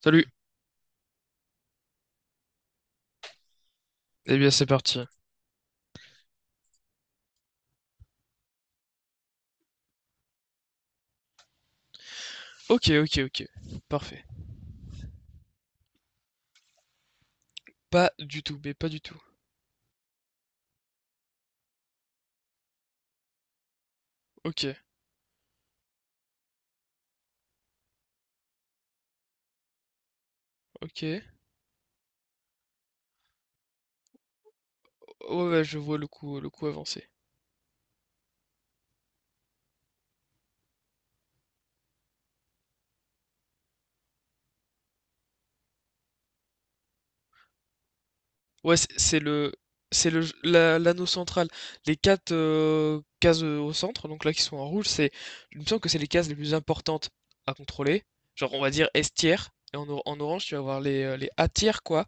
Salut. Eh bien, c'est parti. Ok, ok, ok. Parfait. Pas du tout, mais pas du tout. Ok, ok. Oh, ouais, je vois le coup avancé. Ouais, c'est le, c'est le, l'anneau central. Les quatre cases au centre, donc là qui sont en rouge, c'est, je me sens que c'est les cases les plus importantes à contrôler. Genre, on va dire S tiers. Et en, en orange, tu vas avoir les A tiers, quoi.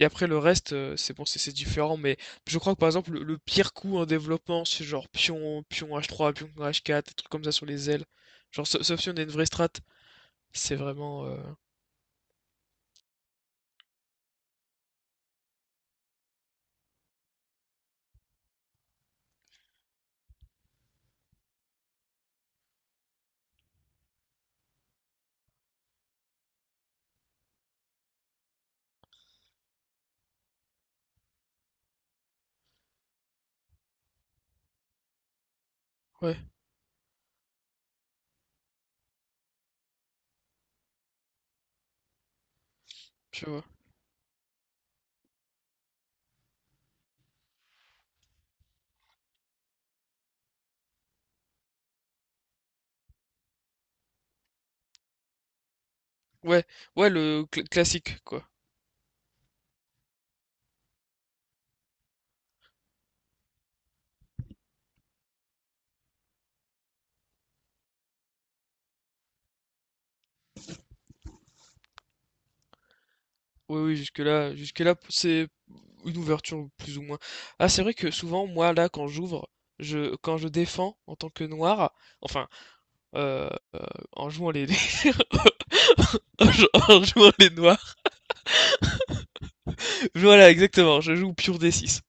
Et après le reste, c'est bon, c'est différent, mais je crois que par exemple le pire coup en développement, c'est genre pion H3, pion H4, des trucs comme ça sur les ailes. Genre sauf si on a une vraie strat. C'est vraiment, ouais, tu vois. Ouais, ouais le classique quoi. Oui, oui, jusque-là, jusque-là c'est une ouverture plus ou moins. Ah c'est vrai que souvent moi là quand j'ouvre, je quand je défends en tant que noir, enfin, heu, en jouant les en jouant les noirs, voilà exactement, je joue pure D6.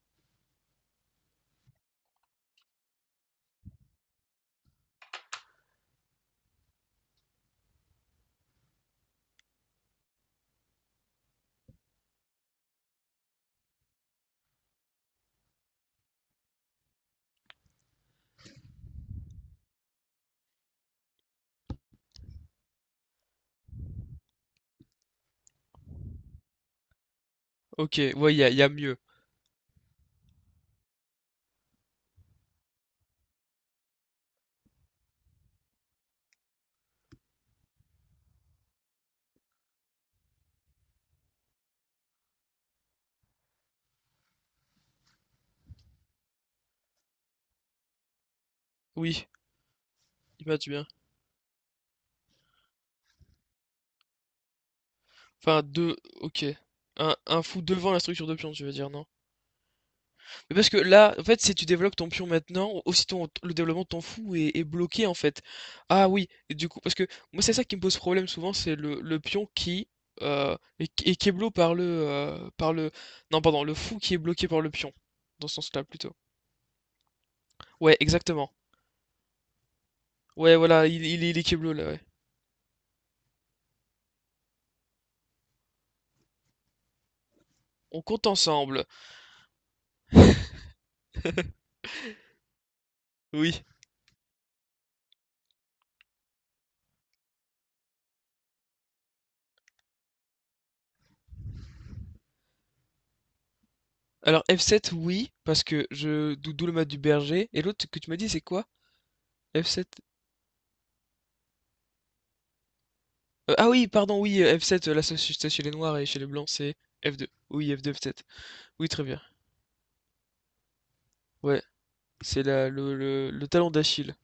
OK, ouais, il y a, y a mieux. Oui, il match bien. Enfin, deux, ok. Un fou devant la structure de pion, tu veux dire, non? Mais parce que là, en fait, si tu développes ton pion maintenant, aussi ton, le développement de ton fou est, est bloqué, en fait. Ah oui, et du coup, parce que moi, c'est ça qui me pose problème souvent, c'est le pion qui est, est qui bloqué par le... Non, pardon, le fou qui est bloqué par le pion, dans ce sens-là, plutôt. Ouais, exactement. Ouais, voilà, il, il est l'équipe bleue là, ouais. On compte ensemble. Oui. Alors F7, oui, parce que d'où le mat du berger. Et l'autre que tu m'as dit, c'est quoi? F7. Ah oui, pardon, oui, F7, la société chez les noirs et chez les blancs, c'est F2. Oui, F2, F7. Oui, très bien. Ouais, c'est la, le talon d'Achille.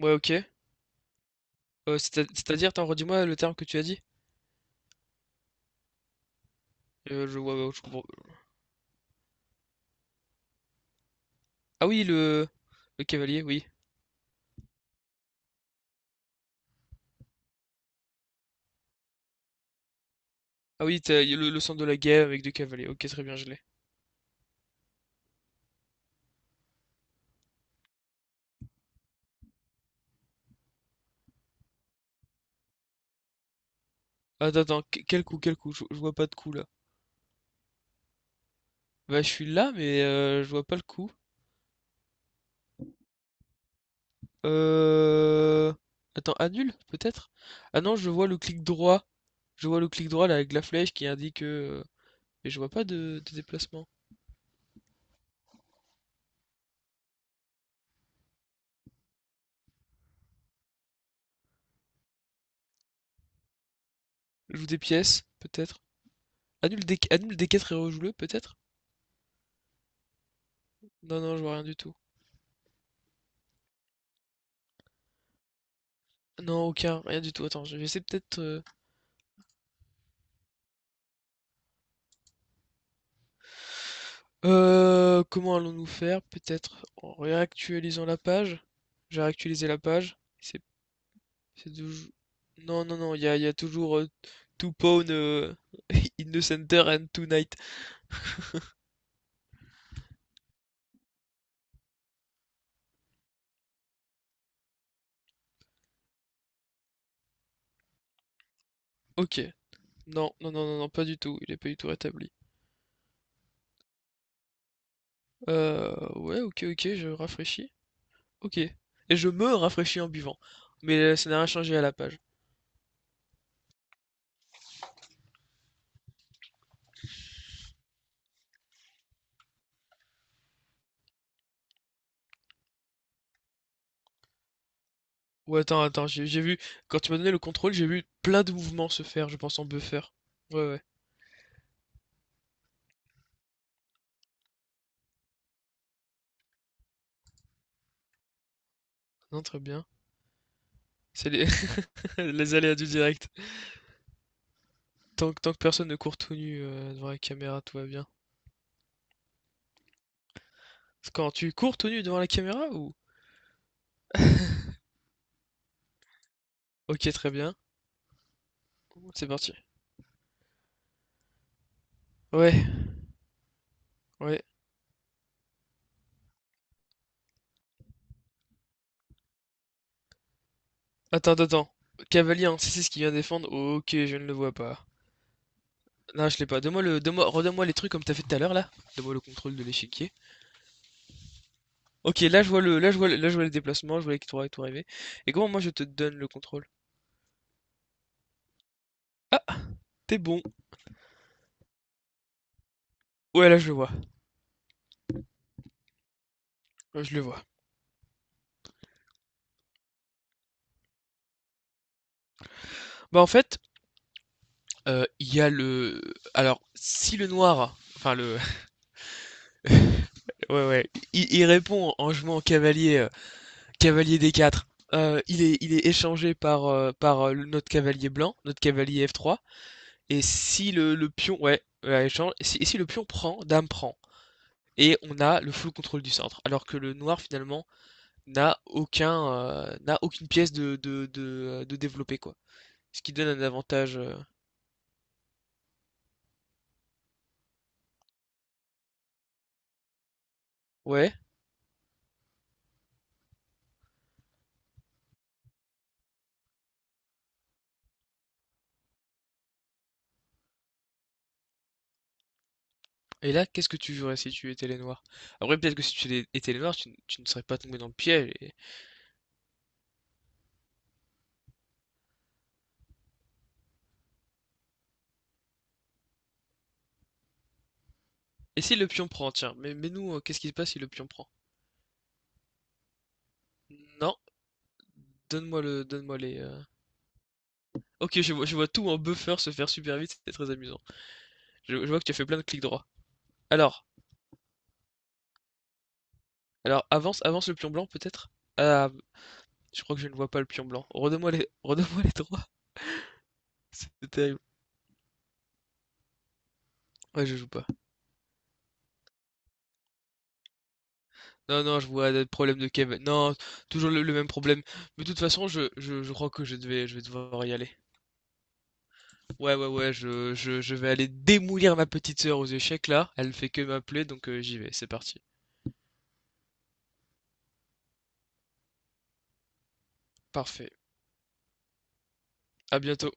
Ouais, ok. C'est-à-dire, attends, redis-moi le terme que tu as dit. Ouais, ouais, je comprends. Ah oui, le cavalier, oui. Ah oui, y a le centre de la guerre avec deux cavaliers. Ok, très bien, je l'ai. Attends, attends, quel coup, quel coup? Je vois pas de coup là. Bah, je suis là, mais je vois pas le coup. Euh... Attends, annule, peut-être? Ah non, je vois le clic droit. Je vois le clic droit là avec la flèche qui indique mais je vois pas de, de déplacement. Joue des pièces, peut-être. Annule des 4 et rejoue-le, peut-être? Non, non, je vois rien du tout. Non, aucun, rien du tout. Attends, je vais essayer peut-être. Comment allons-nous faire? Peut-être en réactualisant la page. J'ai réactualisé la page. C'est toujours... Non, non, non, il y a toujours to pawn in the center and tonight. Ok. Non, non, non, non, non, pas du tout. Il est pas du tout rétabli. Ouais, ok, ok, je rafraîchis. Ok. Et je me rafraîchis en buvant. Mais ça n'a rien changé à la page. Ouais, attends, attends, j'ai vu... Quand tu m'as donné le contrôle, j'ai vu plein de mouvements se faire, je pense en buffer. Ouais, ouais. Non, très bien. C'est les... Les aléas du direct. Tant, tant que personne ne court tout nu devant la caméra, tout va bien. Quand tu cours tout nu devant la caméra ou... Ok, très bien. C'est parti. Ouais, ouais. Attends, attends, attends. Cavalier, hein, c'est ce qui vient défendre. Ok, je ne le vois pas. Non, je l'ai pas. Donne-moi le, donne-moi, redonne-moi les trucs comme t'as fait tout à l'heure là. Donne-moi le contrôle de l'échiquier. Ok, là je vois le, là je vois, là je vois les déplacements, je vois les trois et tout arriver. Et comment moi je te donne le contrôle? Ah, t'es bon. Ouais, là je le vois. Ouais, je le vois. Bah en fait, il y a le. Alors, si le noir, enfin le, ouais, ouais. Il répond en jouant en cavalier, cavalier des 4. Il est échangé par, par notre cavalier blanc, notre cavalier F3. Et si le, le pion, ouais, ouais, échange. Et si le pion prend, dame prend. Et on a le full contrôle du centre. Alors que le noir, finalement, n'a aucun, n'a aucune pièce de développer, quoi. Ce qui donne un avantage. Ouais. Et là, qu'est-ce que tu jouerais si tu étais les noirs? Après, peut-être que si tu étais les noirs, tu, tu ne serais pas tombé dans le piège. Et si le pion prend, tiens, mais nous, qu'est-ce qui se passe si le pion prend? Non, donne-moi le, donne-moi les. Ok, je vois tout en buffer se faire super vite, c'était très amusant. Je vois que tu as fait plein de clics droits. Alors, alors avance, avance le pion blanc peut-être? Ah, je crois que je ne vois pas le pion blanc. Redonne-moi les, redonne-moi les droits, c'est terrible. Ouais, je joue pas. Non, non, je vois le problèmes de Kev. Non, toujours le même problème. Mais de toute façon, je crois que je devais, je vais devoir y aller. Ouais, ouais, ouais, je vais aller démolir ma petite sœur aux échecs là. Elle fait que m'appeler, donc j'y vais, c'est parti. Parfait. À bientôt.